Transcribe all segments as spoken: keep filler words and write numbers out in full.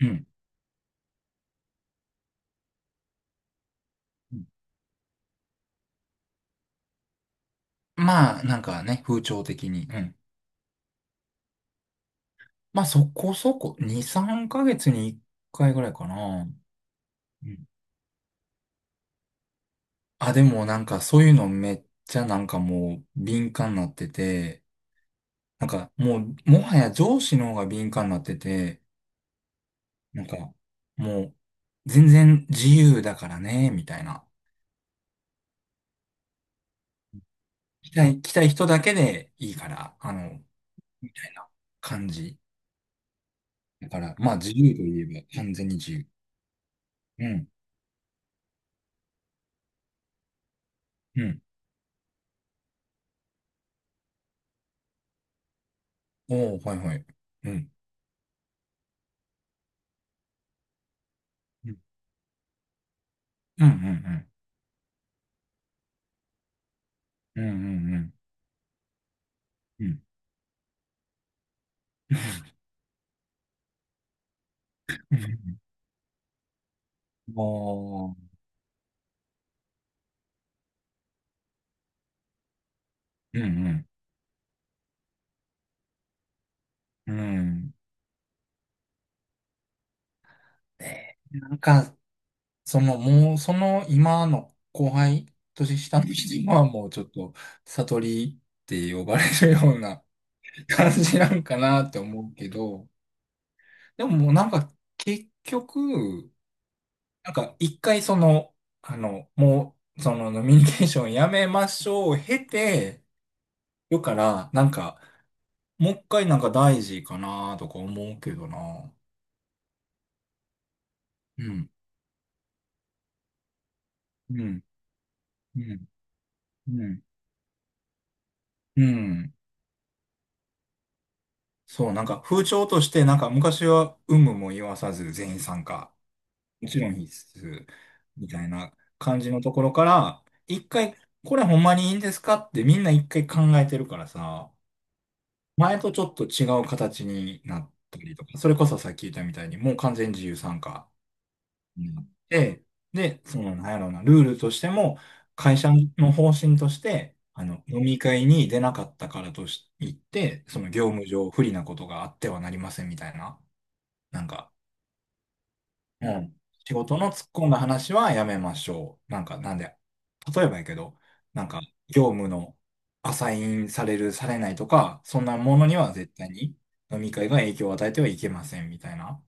うん。まあ、なんかね、風潮的に。うん。まあ、そこそこ、に、さんかげつにいっかいぐらいかな。うん。あ、でもなんかそういうのめっちゃなんかもう敏感になってて、なんかもう、もはや上司の方が敏感になってて、なんかもう、全然自由だからね、みたいな。来たい、来たい人だけでいいから、あの、みたいな感じ。だから、まあ自由といえば完全に自由。うん。うん。おー、はいはい。うんうんうんうんうんうんうんうんうん。 もう、うんうん、うん。で、なんか、その、もう、その、今の後輩、年下の人今はもうちょっと、悟りって呼ばれるような 感じなんかなって思うけど、でももうなんか、結局、なんか、一回その、あの、もう、その、ノミニケーションやめましょう、経て、よから、なんか、もう一回なんか大事かなとか思うけどな。うん、うん、うん、うん、うん。そう、なんか風潮としてなんか昔は有無も言わさず全員参加。もちろん必須。みたいな感じのところから、一回、これほんまにいいんですかってみんな一回考えてるからさ、前とちょっと違う形になったりとか、それこそさっき言ったみたいにもう完全自由参加。で、で、その、なんやろうな、ルールとしても、会社の方針として、あの、飲み会に出なかったからとし言って、その業務上不利なことがあってはなりませんみたいな、なんか、うん、仕事の突っ込んだ話はやめましょう。なんか、なんで、例えばやけど、なんか、業務のアサインされる、されないとか、そんなものには絶対に飲み会が影響を与えてはいけませんみたいな。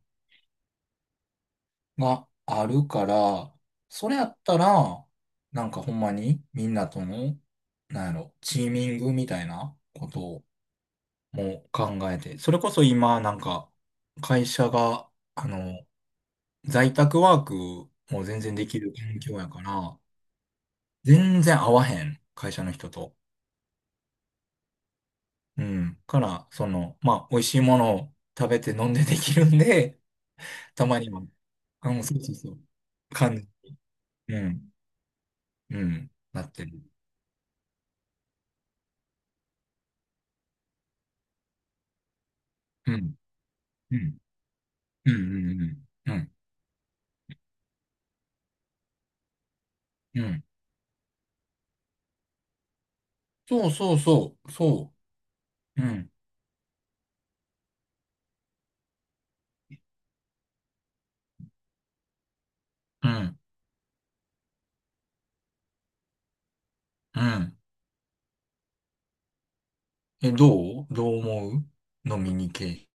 があるから、それやったら、なんかほんまにみんなとの、なんやろ、チーミングみたいなことをもう考えて、それこそ今なんか会社が、あの、在宅ワークも全然できる環境やから、全然合わへん、会社の人と。うん。から、その、まあ、美味しいものを食べて飲んでできるんで、たまには、あの、そうそうそう、感じ、うん、うん、なってる。うんうん。うん。うん。うん。うんうんそうそうそう。そう。うん。うん。うん。え、どうどう思う飲みに系。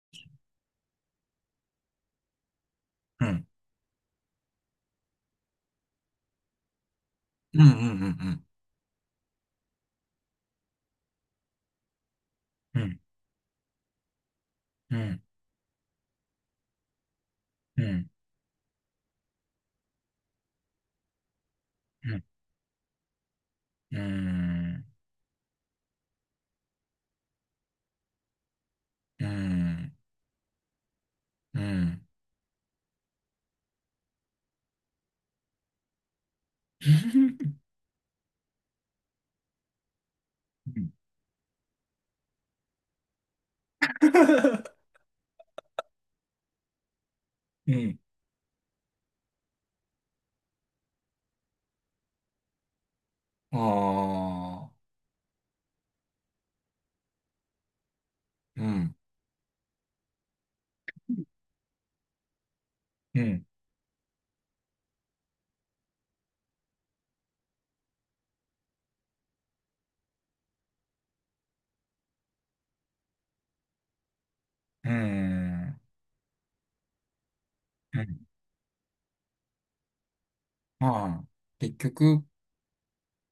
うん。うん。うん。うん。うん。うん。うん。うん。うん。うん。うん。ああ。うん。うん。うん。うん。まあ、結局、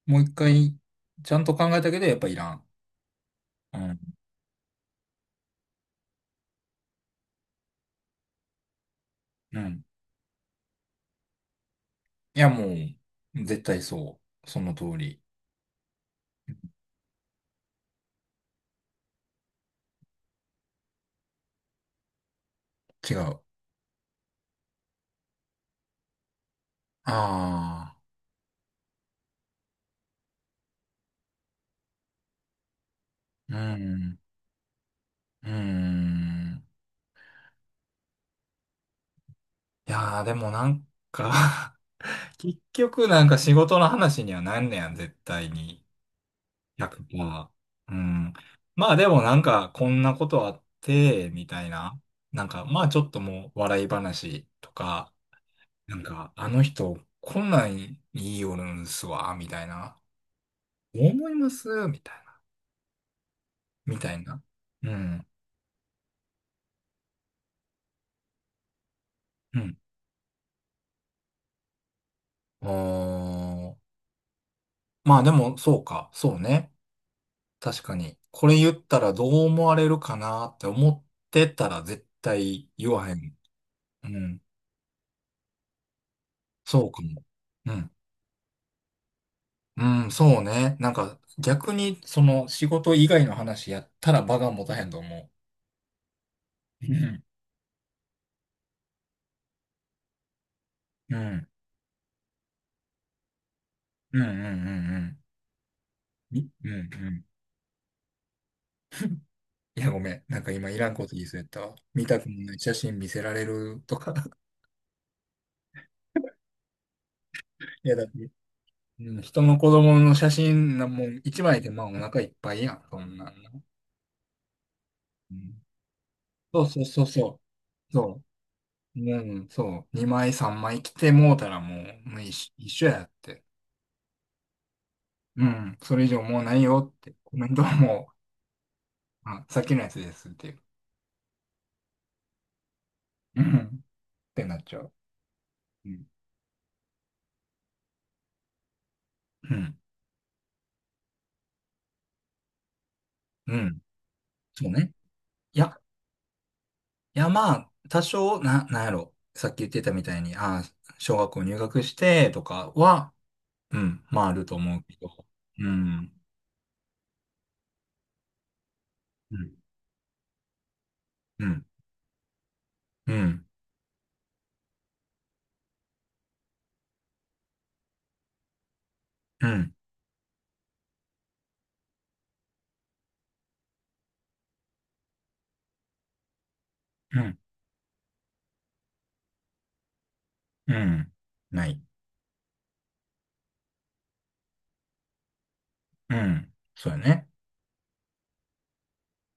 もう一回、ちゃんと考えたけど、やっぱいらん。うん。うん。いや、もう、絶対そう。その通り。違う。ああ、うん、うん。いやー、でもなんか、 結局なんか仕事の話にはなんねやん、絶対に。ひゃくパーセント。うん。まあでもなんか、こんなことあって、みたいな。なんか、まあちょっともう笑い話とか、なんか、あの人、こんなんいいよるんすわ、みたいな。思いますみたいな。みたいな。うん。うんうーん。まあでも、そうか。そうね。確かに。これ言ったらどう思われるかなって思ってたら絶対言わへん。うん。そうかも。うん。うん、そうね。なんか、逆に、その、仕事以外の話やったら場が持たへんと思う。うん。うん。うんうんうんうん。みうんうん。いや、ごめん。なんか今いらんこと言いそうやったわ。見たくもない写真見せられるとか。いやだ。うん、人の子供の写真な、もう一枚でまあお腹いっぱいやん、そんなんな。うん、そうそうそうそう。そう。うん、そう。にまいさんまい来てもうたらもう、もう一緒、一緒やって。うん、それ以上もうないよって。コメントはもう、あ、さっきのやつですっていう。うん、ってなっちゃう。うん。うん。うん。そうね。いや、いやまあ、多少、な、なんやろ。さっき言ってたみたいに、ああ、小学校入学してとかは、うん、まああると思うけど。うん。うん、うん、うん、うん、うん、うんない。うん。そうやね。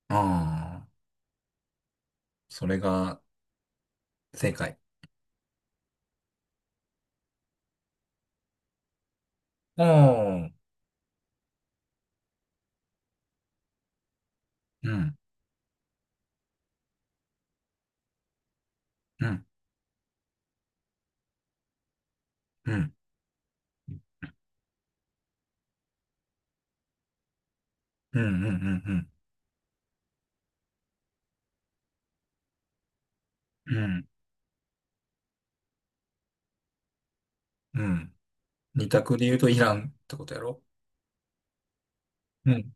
ああ、それが正解。ああ、うん、うん、うん、うん、うん、うん、うん、うん。うん、二択で言うとイランってことやろ。うん。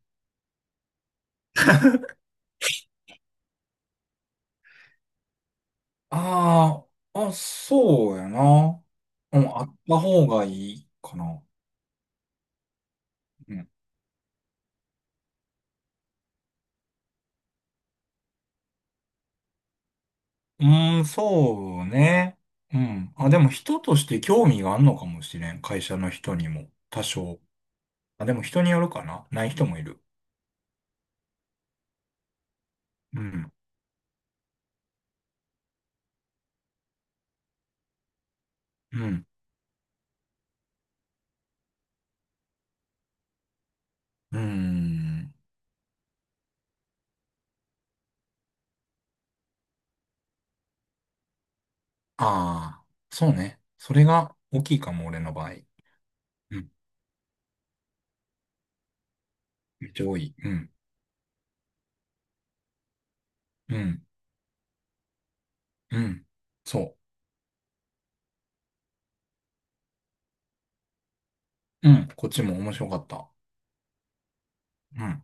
ああ、あ、そうやな。うん、あった方がいいかな。うん、うんそうね。うん。あ、でも人として興味があるのかもしれん。会社の人にも。多少。あ、でも人によるかな。ない人もいる。うん。うん。うーん。ああ、そうね。それが大きいかも、俺の場合。うん。めっちゃ多い。うん。うん。うん。そう。うん。こっちも面白かった。うん。